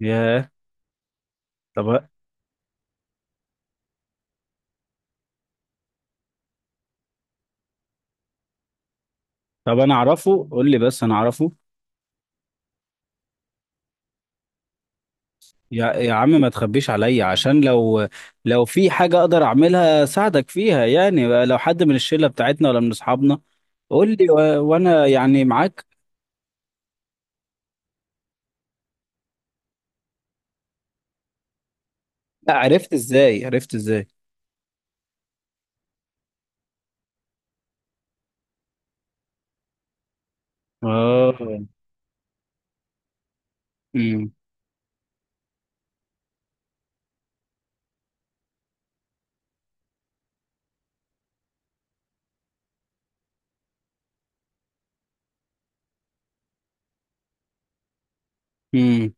ياه. طب طب انا اعرفه، قول لي بس انا اعرفه. يا عم ما تخبيش عليا، عشان لو في حاجة اقدر اعملها ساعدك فيها، يعني لو حد من الشلة بتاعتنا ولا من اصحابنا قول لي، و... وانا يعني معاك. لا، عرفت ازاي؟ عرفت ازاي؟ اه. امم. امم.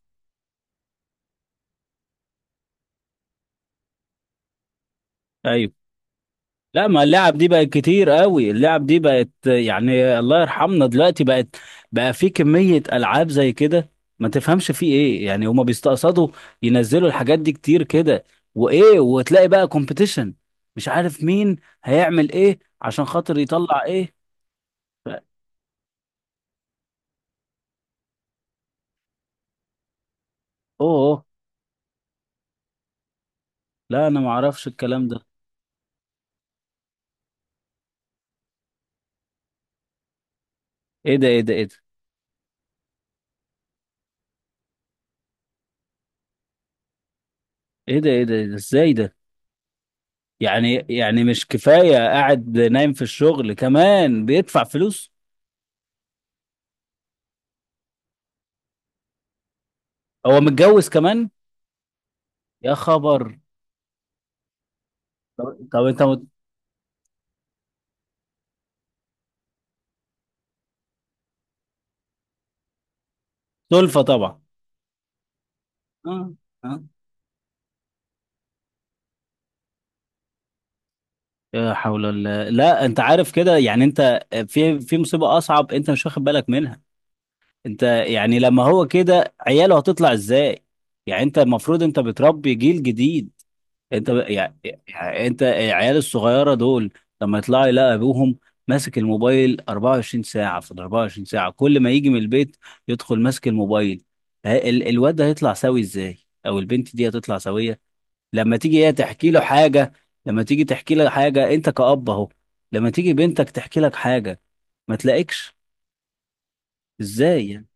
ايوه. لا، ما اللعب دي بقت كتير قوي، اللعب دي بقت يعني الله يرحمنا دلوقتي، بقت بقى في كمية ألعاب زي كده، ما تفهمش في ايه، يعني هما بيستقصدوا ينزلوا الحاجات دي كتير كده. وايه، وتلاقي بقى كومبيتيشن، مش عارف مين هيعمل ايه عشان خاطر يطلع ايه. ف- اوه. لا انا ما اعرفش الكلام ده. ايه ده؟ ايه ده؟ ايه ده؟ ايه ده؟ ايه ده؟ إيه ده؟ ازاي ده؟ يعني مش كفاية قاعد نايم في الشغل، كمان بيدفع فلوس؟ هو متجوز كمان؟ يا خبر. طب سلفة طبعا. اه. اه. لا حول الله. لا انت عارف كده، يعني انت في مصيبة اصعب انت مش واخد بالك منها. انت يعني لما هو كده، عياله هتطلع ازاي؟ يعني انت المفروض انت بتربي جيل جديد. يعني انت العيال الصغيرة دول لما يطلعوا يلاقي ابوهم ماسك الموبايل 24 ساعة في ال 24 ساعة، كل ما يجي من البيت يدخل ماسك الموبايل، الواد ده هيطلع سوي ازاي؟ او البنت دي هتطلع سوية؟ لما تيجي هي تحكي له حاجة، لما تيجي تحكي له حاجة انت كأب اهو، لما تيجي بنتك تحكي لك حاجة ما تلاقيكش. ازاي يعني؟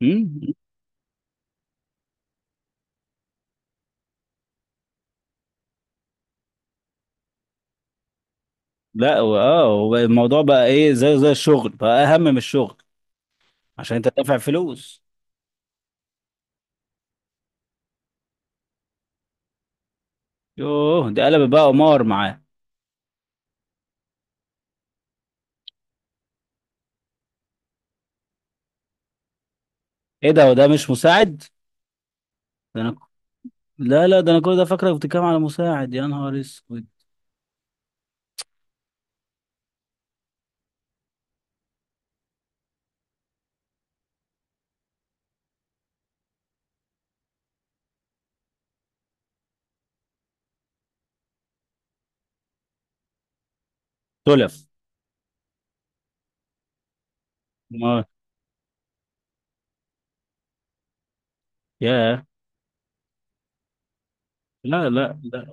مم؟ لا، اه هو الموضوع بقى ايه، زي الشغل، بقى اهم من الشغل، عشان انت دافع فلوس. يوه، ده قلب بقى قمار معاه. ايه ده، وده مش مساعد؟ ده انا، لا لا، ده انا كل ده فاكرك بتتكلم على مساعد، يا نهار اسود. تلف. ما- يا لا لا لا.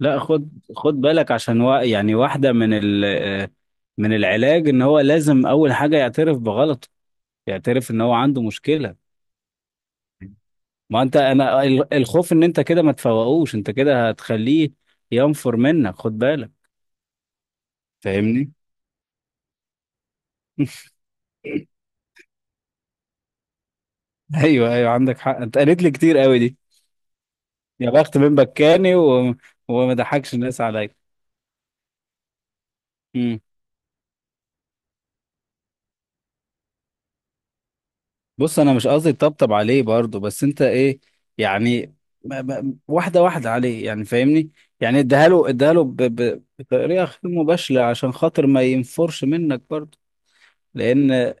لا. خد، خد بالك، عشان يعني واحدة من ال من العلاج ان هو لازم اول حاجة يعترف بغلطه، يعترف ان هو عنده مشكلة. ما انت انا الخوف ان انت كده ما تفوقوش، انت كده هتخليه ينفر منك، خد بالك. فاهمني؟ ايوه ايوه، عندك حق، انت قالت لي كتير قوي دي. يا بخت من بكاني و... وما ضحكش الناس عليا. بص انا مش قصدي طبطب عليه برضه، بس انت ايه يعني، واحده واحده عليه، يعني فاهمني؟ يعني اديها له، اديها له بطريقه غير مباشره، عشان خاطر ما ينفرش منك برضه. لان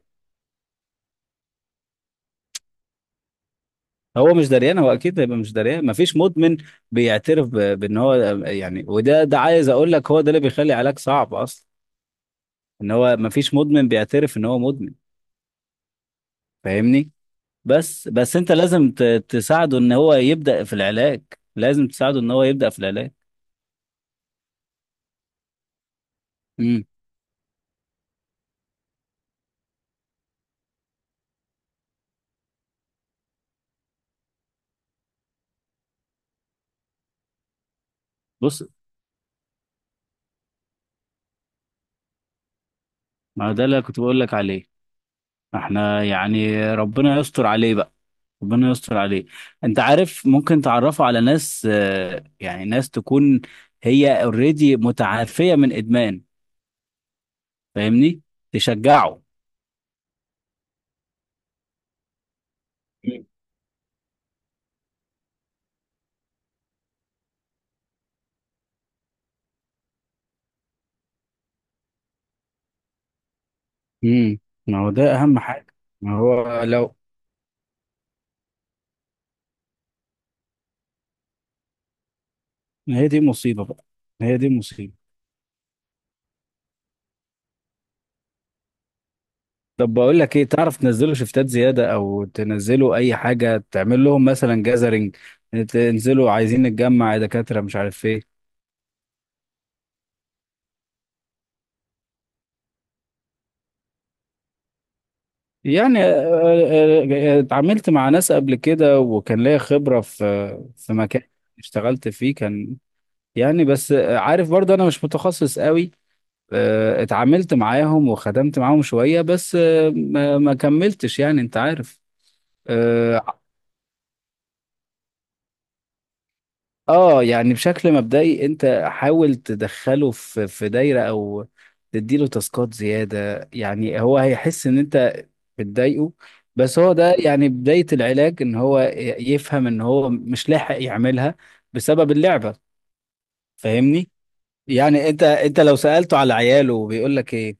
هو مش دريان، هو اكيد هيبقى مش دريان، مفيش مدمن بيعترف بان هو يعني، وده ده عايز اقول لك، هو ده اللي بيخلي علاج صعب اصلا، ان هو مفيش مدمن بيعترف ان هو مدمن. فاهمني؟ بس انت لازم تساعده ان هو يبدا في العلاج، لازم تساعده ان هو يبدا في العلاج. امم. بص، ما ده اللي كنت بقول لك عليه. احنا يعني ربنا يستر عليه بقى، ربنا يستر عليه. انت عارف ممكن تعرفه على ناس، يعني ناس تكون هي اوريدي متعافية من ادمان، فاهمني؟ تشجعه. امم. ما هو ده اهم حاجة. ما هو لو، ما هي دي مصيبة بقى، ما هي دي مصيبة. طب بقول لك ايه، تعرف تنزله شفتات زيادة او تنزله اي حاجة، تعمل لهم مثلا جازرينج، تنزلوا عايزين نتجمع يا دكاترة، مش عارف ايه. يعني اتعاملت مع ناس قبل كده، وكان ليا خبرة في مكان اشتغلت فيه، كان يعني بس عارف برضه انا مش متخصص قوي. اتعاملت معاهم وخدمت معاهم شوية، بس ما كملتش، يعني انت عارف. آه، اه يعني بشكل مبدئي انت حاول تدخله في دايره، او تديله تاسكات زياده، يعني هو هيحس ان انت بتضايقه، بس هو ده يعني بدايه العلاج، ان هو يفهم ان هو مش لاحق يعملها بسبب اللعبه. فاهمني؟ يعني انت لو سالته على عياله بيقول لك ايه؟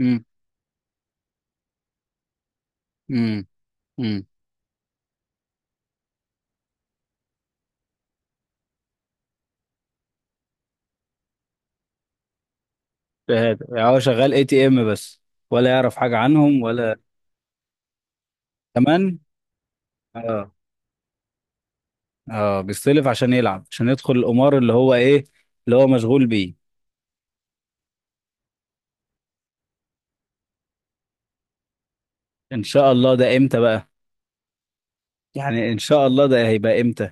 امم. امم. امم. هو شغال اي تي ام بس؟ ولا يعرف حاجه عنهم ولا؟ كمان. اه. اه بيستلف عشان يلعب، عشان يدخل القمار اللي هو ايه، اللي هو مشغول بيه. ان شاء الله، ده امتى بقى؟ يعني ان شاء الله ده هيبقى امتى؟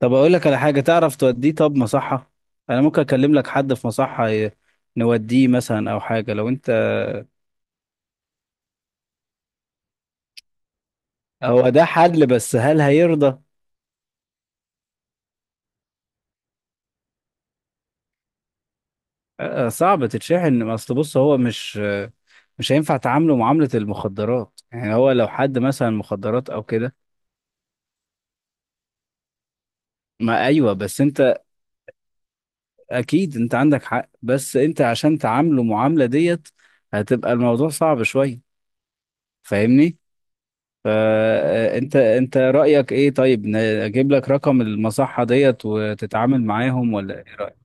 طب اقول لك على حاجه، تعرف توديه طب مصحه؟ انا ممكن اكلم لك حد في مصحه، نوديه مثلا، او حاجه لو انت. هو ده حل، بس هل هيرضى؟ صعب تتشحن، اصل بص هو مش مش هينفع تعامله معامله المخدرات، يعني هو لو حد مثلا مخدرات او كده. ما ايوه بس انت، اكيد انت عندك حق، بس انت عشان تعامله معاملة ديت هتبقى الموضوع صعب شوية، فاهمني؟ فانت انت رأيك ايه طيب، اجيب لك رقم المصحة ديت وتتعامل معاهم، ولا ايه رأيك؟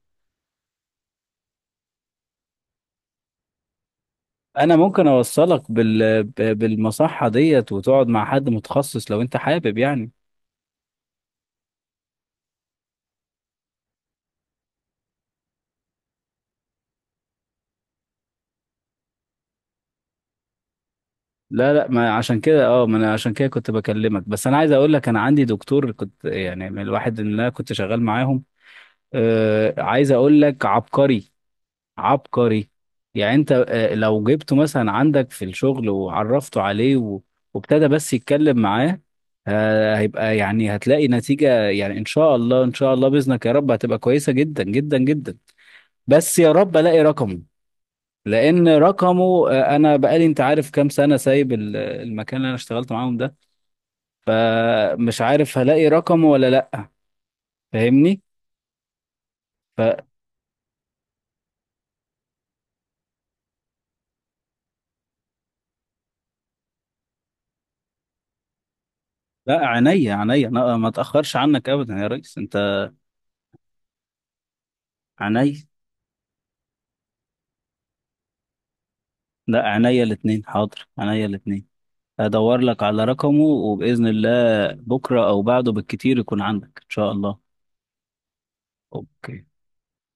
انا ممكن اوصلك بالمصحة ديت، وتقعد مع حد متخصص، لو انت حابب يعني. لا لا، ما عشان كده اه، ما انا عشان كده كنت بكلمك، بس انا عايز اقول لك انا عندي دكتور، كنت يعني من الواحد اللي انا كنت شغال معاهم. عايز اقول لك عبقري، عبقري، يعني انت لو جبته مثلا عندك في الشغل وعرفته عليه، وابتدى بس يتكلم معاه، هيبقى يعني هتلاقي نتيجة، يعني ان شاء الله، ان شاء الله بإذنك يا رب هتبقى كويسة جدا جدا جدا. بس يا رب الاقي رقمه، لان رقمه انا بقالي انت عارف كام سنة سايب المكان اللي انا اشتغلت معاهم ده، فمش عارف هلاقي رقمه ولا لا. فاهمني؟ فلا عينيا، عينيا، أنا ما اتأخرش عنك ابدا يا ريس انت. عينيا، لا عينيا الاتنين، حاضر، عينيا الاتنين. هدور لك على رقمه، وبإذن الله بكرة أو بعده بالكتير يكون عندك إن شاء الله. اوكي.